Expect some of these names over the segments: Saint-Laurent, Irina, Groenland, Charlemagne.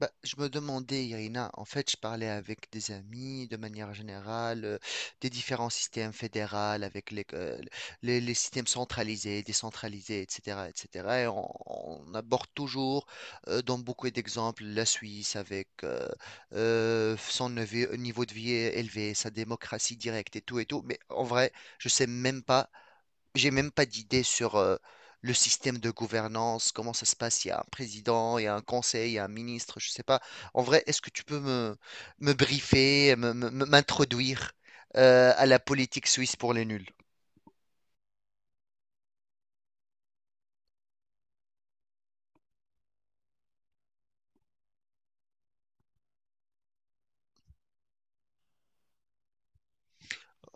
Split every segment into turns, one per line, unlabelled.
Bah, je me demandais, Irina, en fait, je parlais avec des amis de manière générale, des différents systèmes fédéraux, avec les systèmes centralisés, décentralisés, etc., etc. Et cetera. Et on aborde toujours, dans beaucoup d'exemples, la Suisse avec son niveau de vie élevé, sa démocratie directe et tout et tout. Mais en vrai, je sais même pas j'ai même pas d'idée sur le système de gouvernance, comment ça se passe. Il y a un président, il y a un conseil, il y a un ministre, je sais pas. En vrai, est-ce que tu peux me, m'introduire à la politique suisse pour les nuls?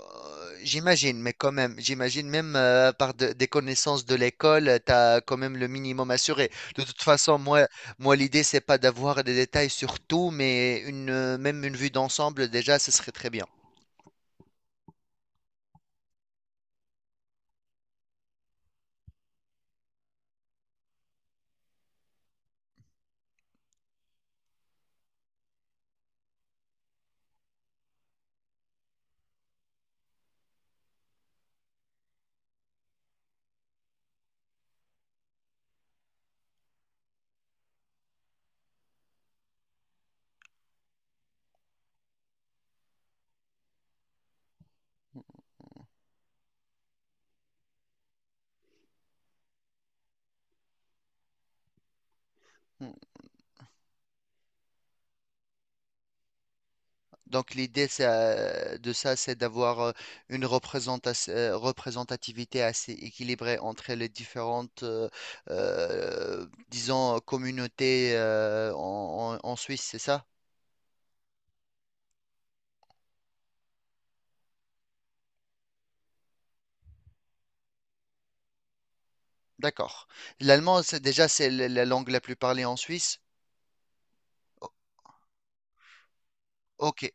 Euh, J'imagine, mais quand même, j'imagine même par des connaissances de l'école, tu as quand même le minimum assuré. De toute façon, moi l'idée, c'est pas d'avoir des détails sur tout, mais même une vue d'ensemble, déjà, ce serait très bien. Hmm. Donc l'idée c'est, c'est d'avoir une représentativité assez équilibrée entre les différentes, disons, communautés en Suisse, c'est ça? D'accord. L'allemand, c'est la langue la plus parlée en Suisse. O- ok.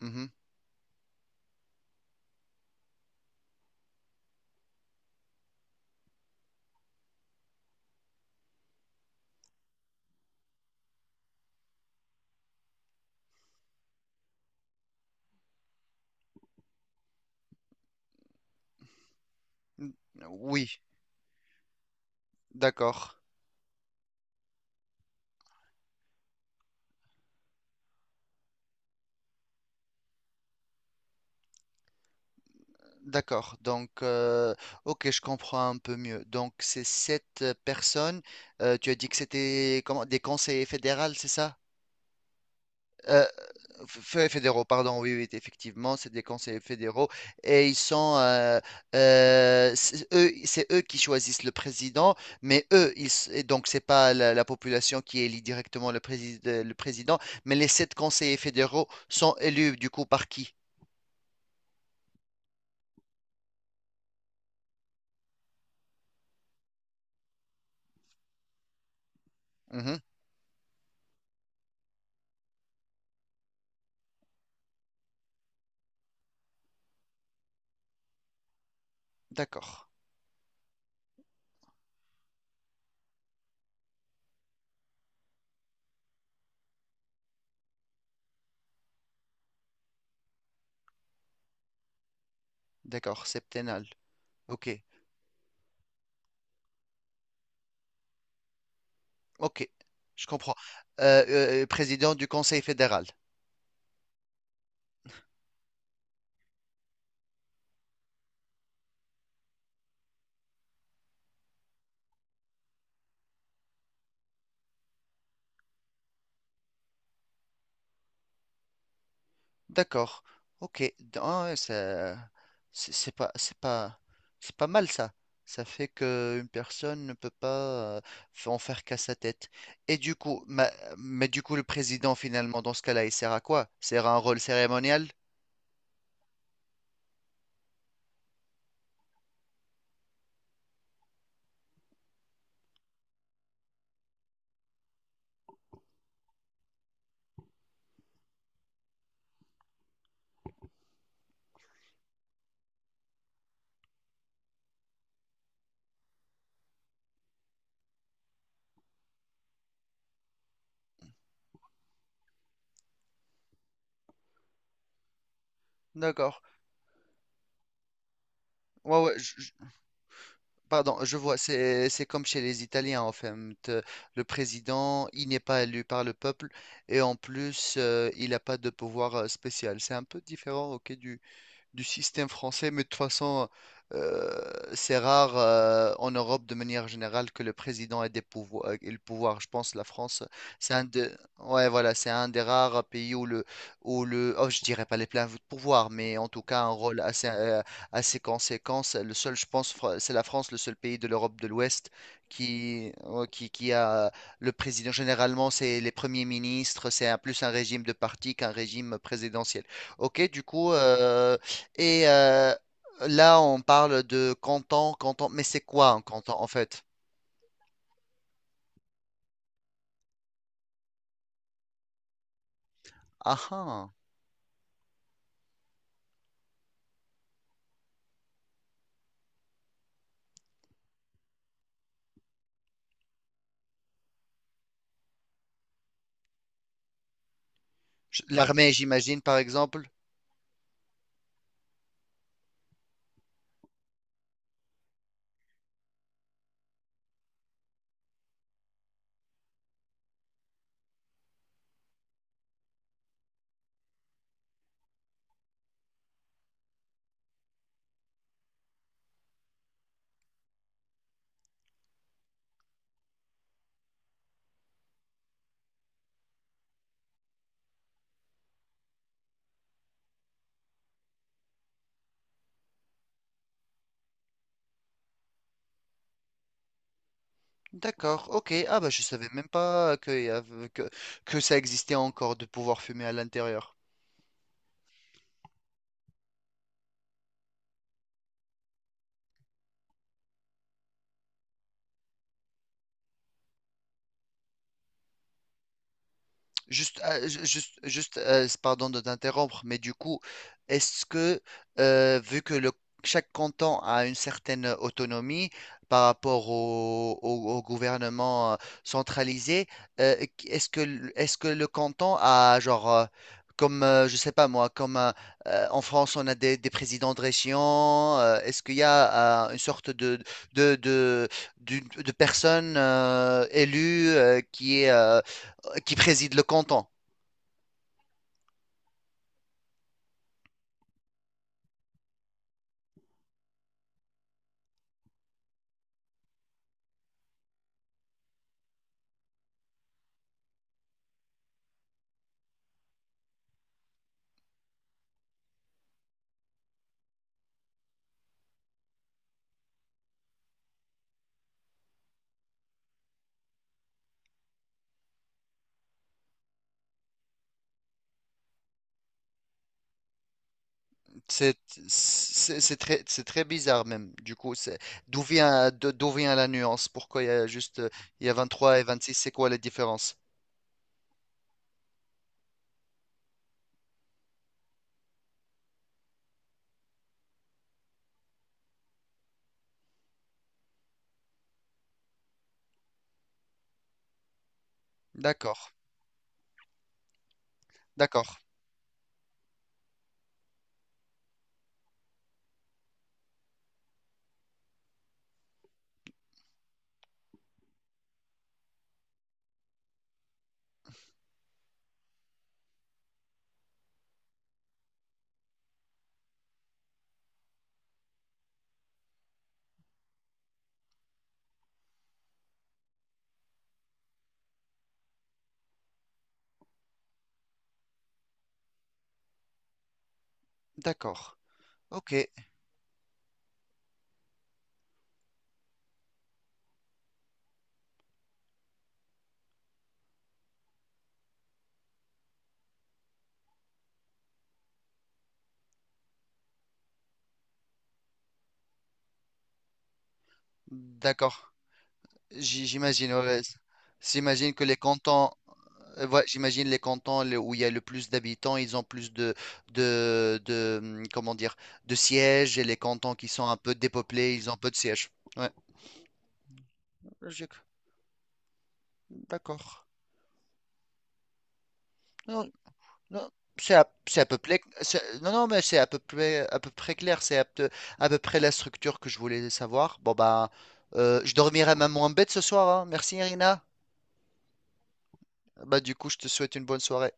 Mhm. Mm, oui, d'accord. D'accord. Ok, je comprends un peu mieux. Donc, c'est sept personnes. Tu as dit que c'était comment, des conseillers fédéraux, c'est ça? Euh, Fédéraux, pardon, oui, oui, effectivement, c'est des conseillers fédéraux et ils sont, c'est eux qui choisissent le président, mais eux, ils, s- et donc c'est pas la population qui élit directement le président, mais les sept conseillers fédéraux sont élus du coup par qui? Mhm. D'accord, d'accord, septennal. Ok, ok, je comprends. Euh, président du Conseil fédéral. D'accord. Ok. Ah ouais, c'est c'est pas, c'est pas, c'est pas mal ça. Ça fait que une personne ne peut pas en faire qu'à sa tête. Et du coup, mais du coup, le président finalement, dans ce cas-là, il sert à quoi? Il sert à un rôle cérémonial? D'accord. Ouais, ouais, pardon, je vois, c'est comme chez les Italiens, en fait. Euh, le président, il n'est pas élu par le peuple et en plus, il n'a pas de pouvoir spécial. C'est un peu différent, ok, du système français, mais de toute façon, euh, c'est rare en Europe de manière générale que le président ait des pouvoirs, ait le pouvoir. Je pense que la France, c'est un de, ouais, voilà, c'est un des rares pays oh, je dirais pas les pleins pouvoirs, mais en tout cas un rôle assez, assez conséquent. C'est le seul, je pense, c'est la France, le seul pays de l'Europe de l'Ouest qui a le président. Généralement, c'est les premiers ministres, c'est plus un régime de parti qu'un régime présidentiel. Ok, du coup, et euh, là, on parle de canton. Mais c'est quoi un canton en fait? Ah, ah. L'armée, j'imagine, par exemple. D'accord, ok. Ah bah je savais même pas que, y avait- que ça existait encore de pouvoir fumer à l'intérieur. Juste, juste pardon de t'interrompre, mais du coup, est-ce que, vu que chaque canton a une certaine autonomie par rapport au gouvernement centralisé, est-ce que, est-ce que le canton a, genre, je sais pas moi, comme en France, on a des présidents de région, est-ce qu'il y a une sorte de, de, de, de personne élue qui est. Qui préside le canton. C'est c'est c'est très bizarre même. Du coup, d'où vient, d'où vient la nuance? Pourquoi il y a juste, il y a 23 et 26. C'est quoi la différence? D'accord, d'accord, d'accord. Ok, d'accord. J'imagine, ouais, ouais. J'imagine que les cantons, euh, ouais, j'imagine les cantons où il y a le plus d'habitants, ils ont plus de, comment dire, de sièges et les cantons qui sont un peu dépeuplés, ils ont peu de sièges. Ouais, logique. D'accord. Non, non, c'est à peu près, non, non, mais c'est à peu près clair. C'est à peu près la structure que je voulais savoir. Bon, bah, je dormirai même en bête ce soir, hein. Merci, Irina. Bah, du coup, je te souhaite une bonne soirée.